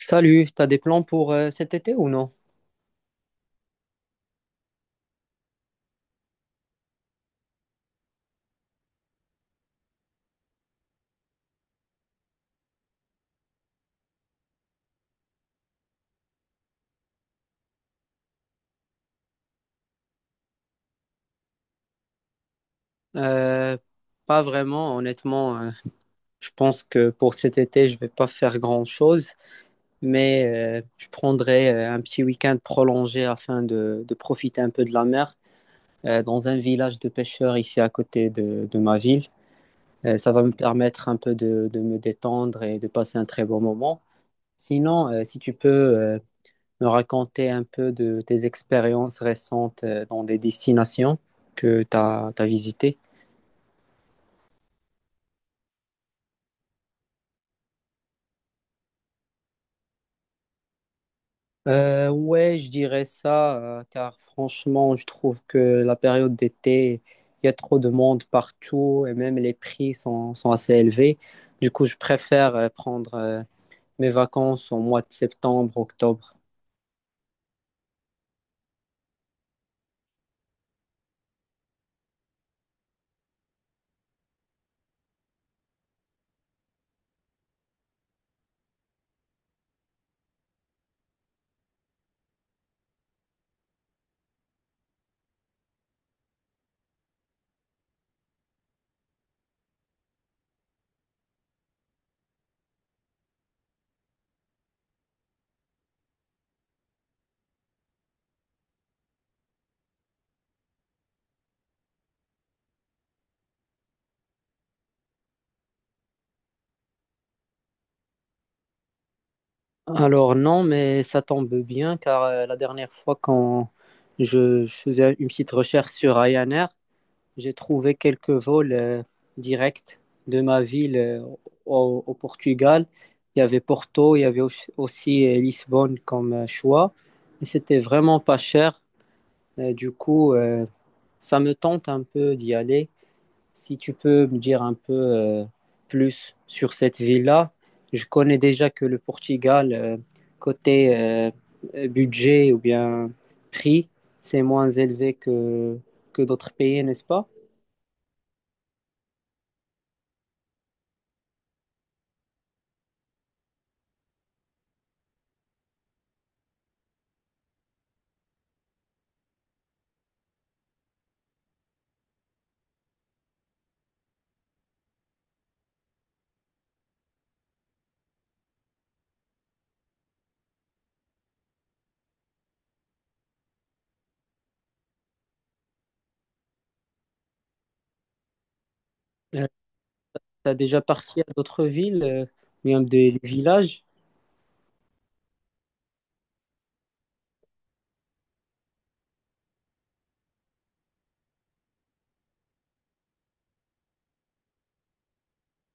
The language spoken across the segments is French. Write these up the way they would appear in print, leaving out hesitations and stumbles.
Salut, t'as des plans pour cet été ou non? Euh, Pas vraiment, honnêtement. Je pense que pour cet été, je vais pas faire grand-chose, mais je prendrai un petit week-end prolongé afin de profiter un peu de la mer dans un village de pêcheurs ici à côté de ma ville. Ça va me permettre un peu de me détendre et de passer un très bon moment. Sinon, si tu peux, euh, me raconter un peu de tes expériences récentes dans des destinations que tu as visitées. Ouais, je dirais ça, car franchement, je trouve que la période d'été, il y a trop de monde partout et même les prix sont assez élevés. Du coup, je préfère prendre mes vacances au mois de septembre, octobre. Alors non, mais ça tombe bien, car la dernière fois quand je faisais une petite recherche sur Ryanair, j'ai trouvé quelques vols directs de ma ville au Portugal. Il y avait Porto, il y avait aussi Lisbonne comme choix. Et c'était vraiment pas cher. Et du coup, ça me tente un peu d'y aller. Si tu peux me dire un peu plus sur cette ville-là, je connais déjà que le Portugal, côté budget ou bien prix, c'est moins élevé que d'autres pays, n'est-ce pas? Euh, T'as déjà parti à d'autres villes, même des villages?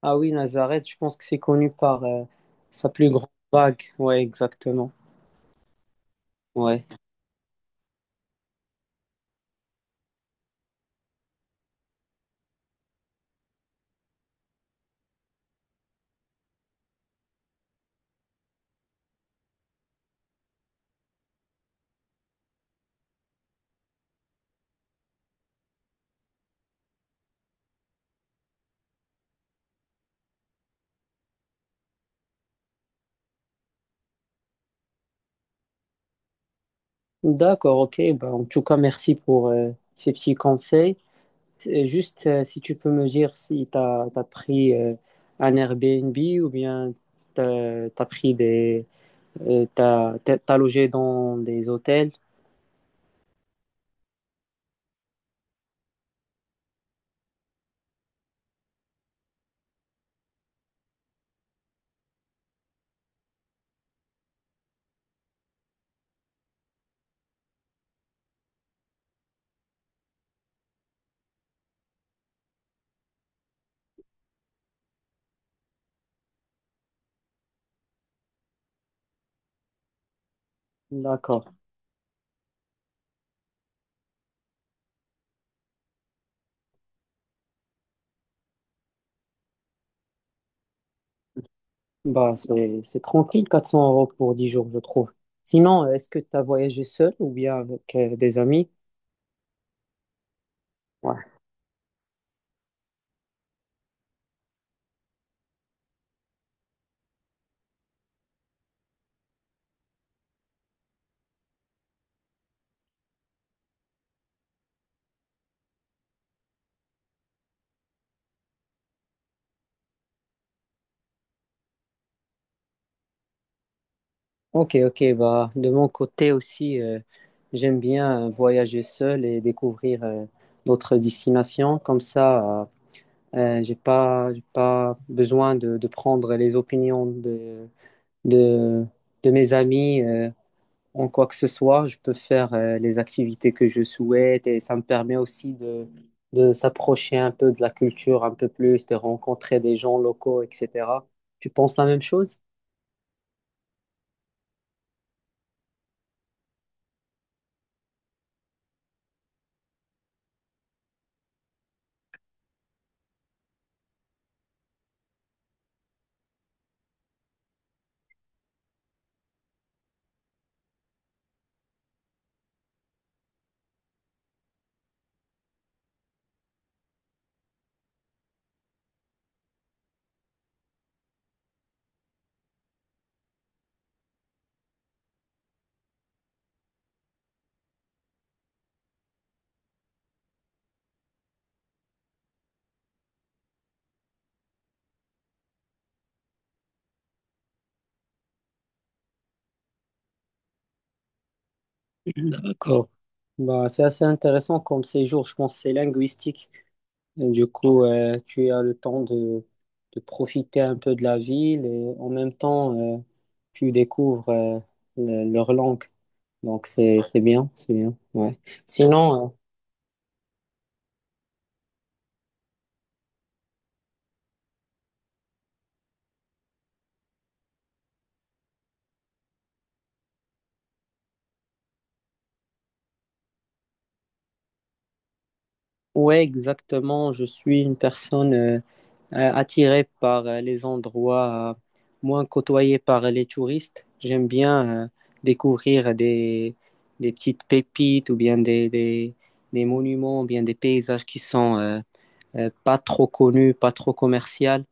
Ah oui, Nazareth, je pense que c'est connu par sa plus grande vague. Ouais, exactement. Ouais. D'accord, ok. Bah, en tout cas, merci pour ces petits conseils. Et juste si tu peux me dire si tu as pris un Airbnb ou bien tu as pris t'as logé dans des hôtels. D'accord. Bah, c'est tranquille, 400 € pour 10 jours, je trouve. Sinon, est-ce que tu as voyagé seul ou bien avec des amis? Ouais. Ok, ok, bah, de mon côté aussi, j'aime bien voyager seul et découvrir d'autres destinations. Comme ça, j'ai pas besoin de prendre les opinions de, de mes amis en quoi que ce soit. Je peux faire les activités que je souhaite et ça me permet aussi de s'approcher un peu de la culture un peu plus, de rencontrer des gens locaux, etc. Tu penses la même chose? D'accord. Bah, c'est assez intéressant comme séjour, je pense que c'est linguistique. Et du coup, tu as le temps de profiter un peu de la ville et en même temps, tu découvres leur langue. Donc, c'est bien, c'est bien. Ouais. Ouais. Sinon. Ouais, exactement. Je suis une personne attirée par les endroits moins côtoyés par les touristes. J'aime bien découvrir des petites pépites ou bien des monuments ou bien des paysages qui sont pas trop connu, pas trop commercial.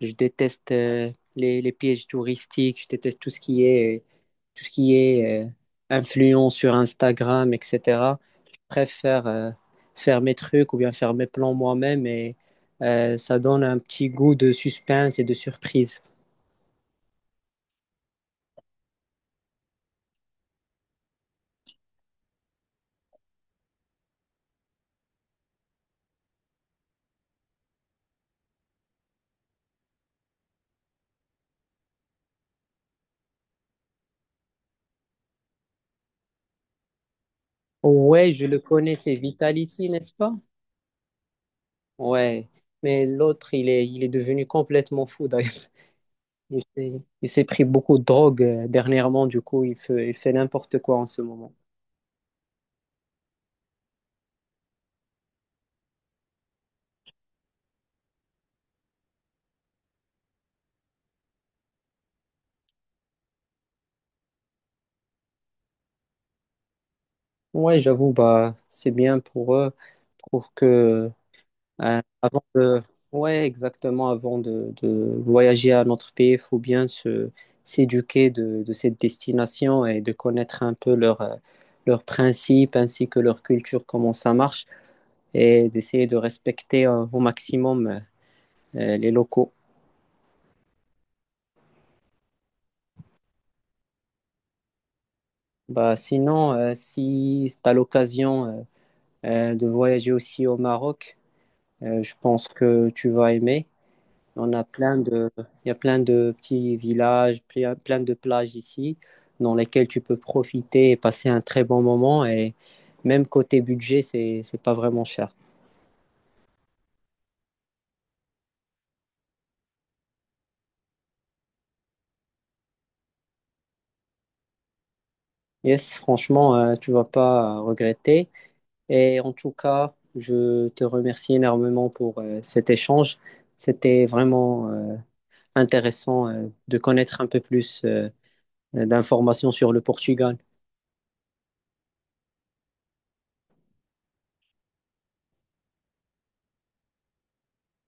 Je déteste les pièges touristiques, je déteste tout ce qui est influent sur Instagram, etc. Je préfère faire mes trucs ou bien faire mes plans moi-même et ça donne un petit goût de suspense et de surprise. Ouais, je le connais, c'est Vitality, n'est-ce pas? Ouais, mais l'autre, il est devenu complètement fou d'ailleurs. Il s'est, il s'est pris beaucoup de drogue dernièrement, du coup, il fait n'importe quoi en ce moment. Ouais, j'avoue, bah, c'est bien pour eux. Je trouve que avant de, ouais, exactement, avant de voyager à notre pays, il faut bien s'éduquer de cette destination et de connaître un peu leurs principes ainsi que leur culture, comment ça marche, et d'essayer de respecter au maximum les locaux. Bah, sinon, si tu as l'occasion de voyager aussi au Maroc. Je pense que tu vas aimer. On a plein de, il y a plein de petits villages, plein de plages ici dans lesquelles tu peux profiter et passer un très bon moment. Et même côté budget, c'est pas vraiment cher. Yes, franchement, tu vas pas regretter. Et en tout cas, je te remercie énormément pour cet échange. C'était vraiment intéressant de connaître un peu plus d'informations sur le Portugal.